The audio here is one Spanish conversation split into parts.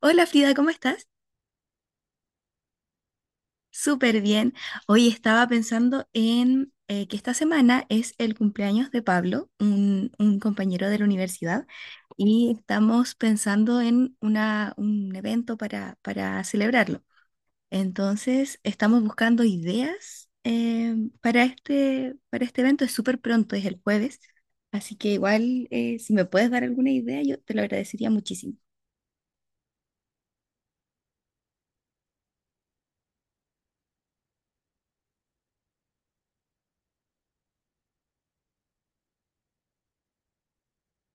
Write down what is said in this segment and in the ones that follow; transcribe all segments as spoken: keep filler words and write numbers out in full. Hola Frida, ¿cómo estás? Súper bien. Hoy estaba pensando en eh, que esta semana es el cumpleaños de Pablo, un, un compañero de la universidad, y estamos pensando en una, un evento para, para celebrarlo. Entonces, estamos buscando ideas eh, para este, para este evento. Es súper pronto, es el jueves, así que igual eh, si me puedes dar alguna idea, yo te lo agradecería muchísimo.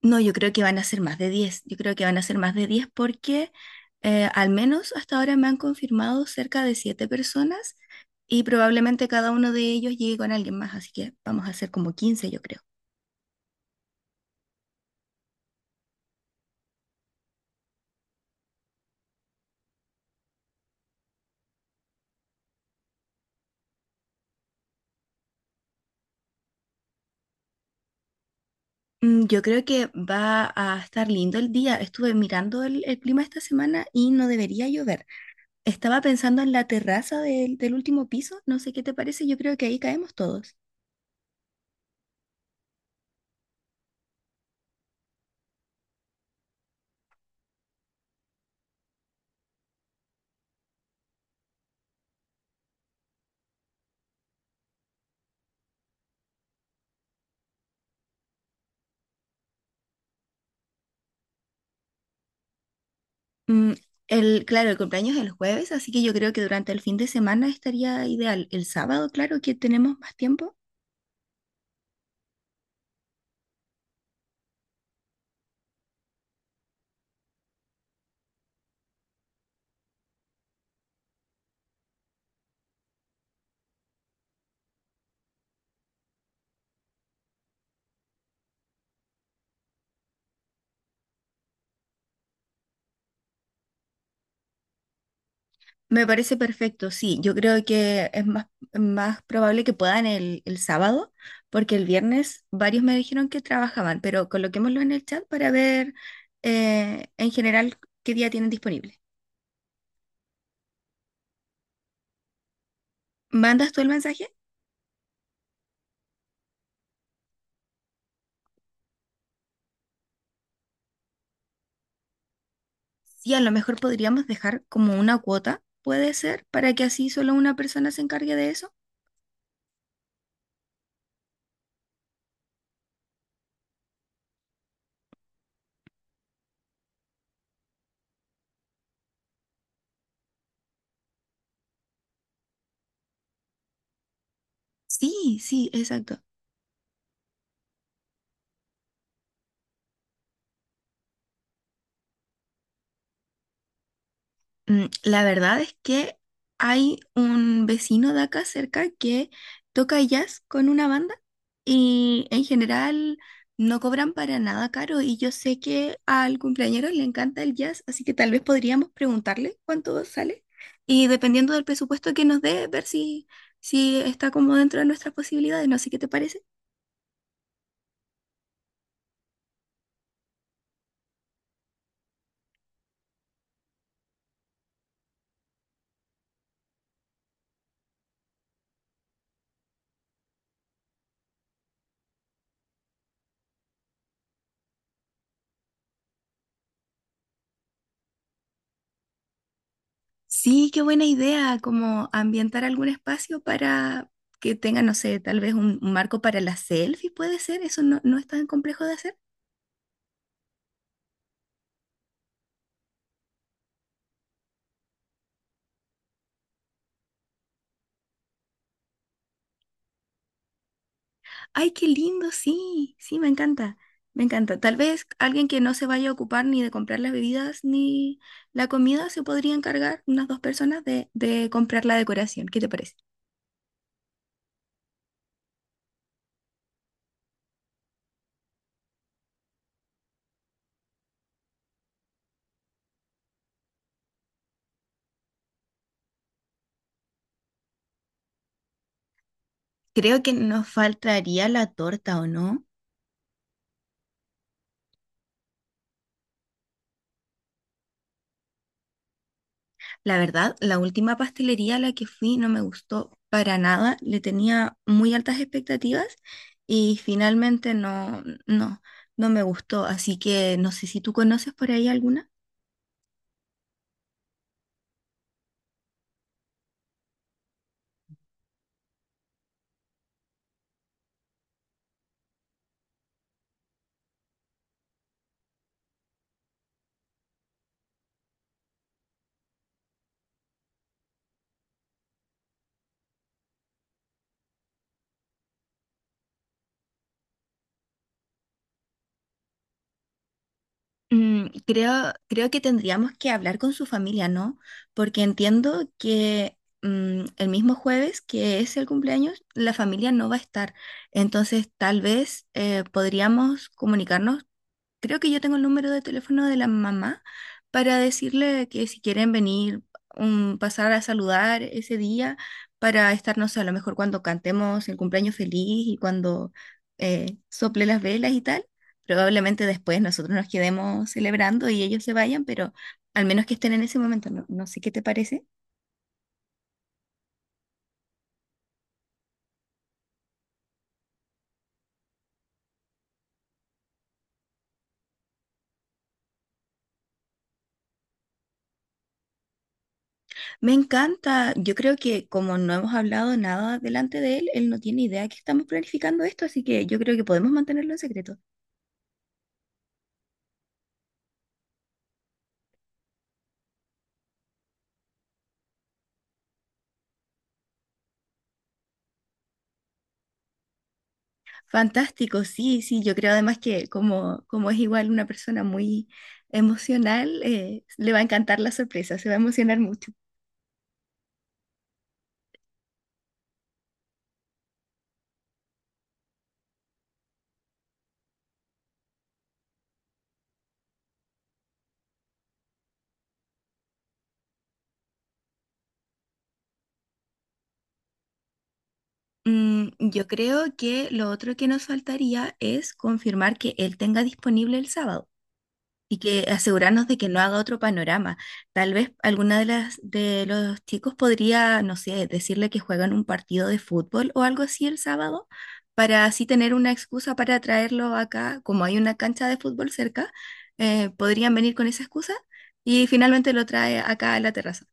No, yo creo que van a ser más de diez. Yo creo que van a ser más de diez porque eh, al menos hasta ahora me han confirmado cerca de siete personas y probablemente cada uno de ellos llegue con alguien más, así que vamos a ser como quince, yo creo. Mm, yo creo que va a estar lindo el día. Estuve mirando el, el clima esta semana y no debería llover. Estaba pensando en la terraza del, del último piso. No sé qué te parece. Yo creo que ahí caemos todos. Mm, el, claro, el cumpleaños es el jueves, así que yo creo que durante el fin de semana estaría ideal. El sábado, claro, que tenemos más tiempo. Me parece perfecto, sí. Yo creo que es más, más probable que puedan el, el sábado, porque el viernes varios me dijeron que trabajaban, pero coloquémoslo en el chat para ver eh, en general qué día tienen disponible. ¿Mandas tú el mensaje? Sí, a lo mejor podríamos dejar como una cuota, puede ser, para que así solo una persona se encargue de eso. Sí, sí, exacto. Mm, la verdad es que hay un vecino de acá cerca que toca jazz con una banda y en general no cobran para nada caro y yo sé que al cumpleañero le encanta el jazz, así que tal vez podríamos preguntarle cuánto sale y dependiendo del presupuesto que nos dé, ver si, si está como dentro de nuestras posibilidades, no sé qué te parece. Sí, qué buena idea, como ambientar algún espacio para que tenga, no sé, tal vez un, un marco para las selfies, puede ser, eso no, no es tan complejo de hacer. Ay, qué lindo, sí, sí, me encanta, me encanta. Tal vez alguien que no se vaya a ocupar ni de comprar las bebidas ni la comida se podría encargar, unas dos personas, de, de comprar la decoración, ¿qué te parece? Creo que nos faltaría la torta, ¿o no? La verdad, la última pastelería a la que fui no me gustó para nada. Le tenía muy altas expectativas y finalmente no, no, no me gustó. Así que no sé si tú conoces por ahí alguna. Mm, creo, creo que tendríamos que hablar con su familia, ¿no? Porque entiendo que mm, el mismo jueves, que es el cumpleaños, la familia no va a estar. Entonces, tal vez eh, podríamos comunicarnos, creo que yo tengo el número de teléfono de la mamá para decirle que si quieren venir, um, pasar a saludar ese día para estar, no sé, a lo mejor cuando cantemos el cumpleaños feliz y cuando eh, sople las velas y tal. Probablemente después nosotros nos quedemos celebrando y ellos se vayan, pero al menos que estén en ese momento, no, no sé qué te parece. Me encanta, yo creo que como no hemos hablado nada delante de él, él no tiene idea que estamos planificando esto, así que yo creo que podemos mantenerlo en secreto. Fantástico, sí, sí, yo creo además que como, como es igual una persona muy emocional, eh, le va a encantar la sorpresa, se va a emocionar mucho. Mm, yo creo que lo otro que nos faltaría es confirmar que él tenga disponible el sábado. Y que asegurarnos de que no haga otro panorama. Tal vez alguna de las de los chicos podría, no sé, decirle que juegan un partido de fútbol o algo así el sábado, para así tener una excusa para traerlo acá, como hay una cancha de fútbol cerca, eh, podrían venir con esa excusa y finalmente lo trae acá a la terraza.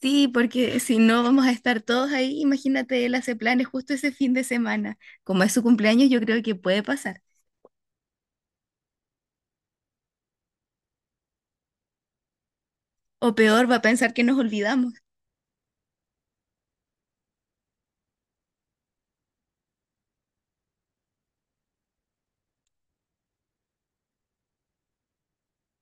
Sí, porque si no vamos a estar todos ahí, imagínate, él hace planes justo ese fin de semana. Como es su cumpleaños, yo creo que puede pasar. O peor, va a pensar que nos olvidamos.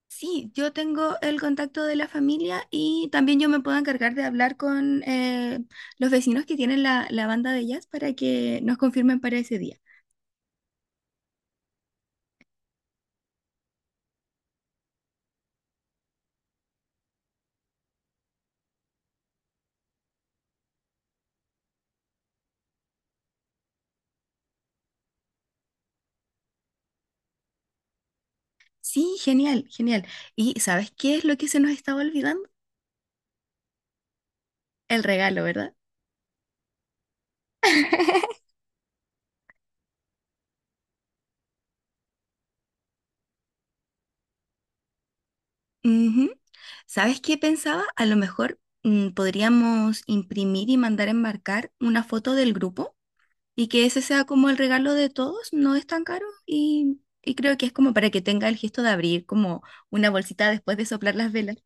Sí, yo tengo el contacto de la familia y también yo me puedo encargar de hablar con eh, los vecinos que tienen la, la banda de jazz para que nos confirmen para ese día. Sí, genial, genial. ¿Y sabes qué es lo que se nos estaba olvidando? El regalo, ¿verdad? Ujú. ¿Sabes qué pensaba? A lo mejor mm, podríamos imprimir y mandar a enmarcar una foto del grupo. Y que ese sea como el regalo de todos, no es tan caro y, y creo que es como para que tenga el gesto de abrir como una bolsita después de soplar las velas.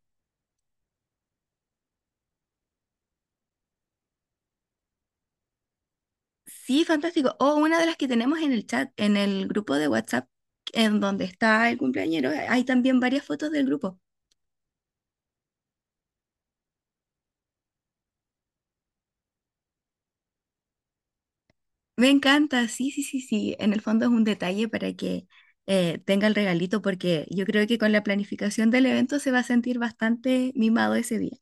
Sí, fantástico. O una de las que tenemos en el chat, en el grupo de WhatsApp, en donde está el cumpleañero, hay también varias fotos del grupo. Me encanta, sí, sí, sí, sí. En el fondo es un detalle para que eh, tenga el regalito porque yo creo que con la planificación del evento se va a sentir bastante mimado ese día.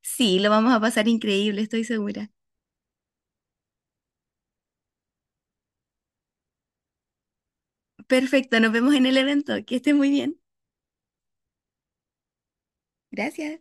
Sí, lo vamos a pasar increíble, estoy segura. Perfecto, nos vemos en el evento. Que estés muy bien. Gracias.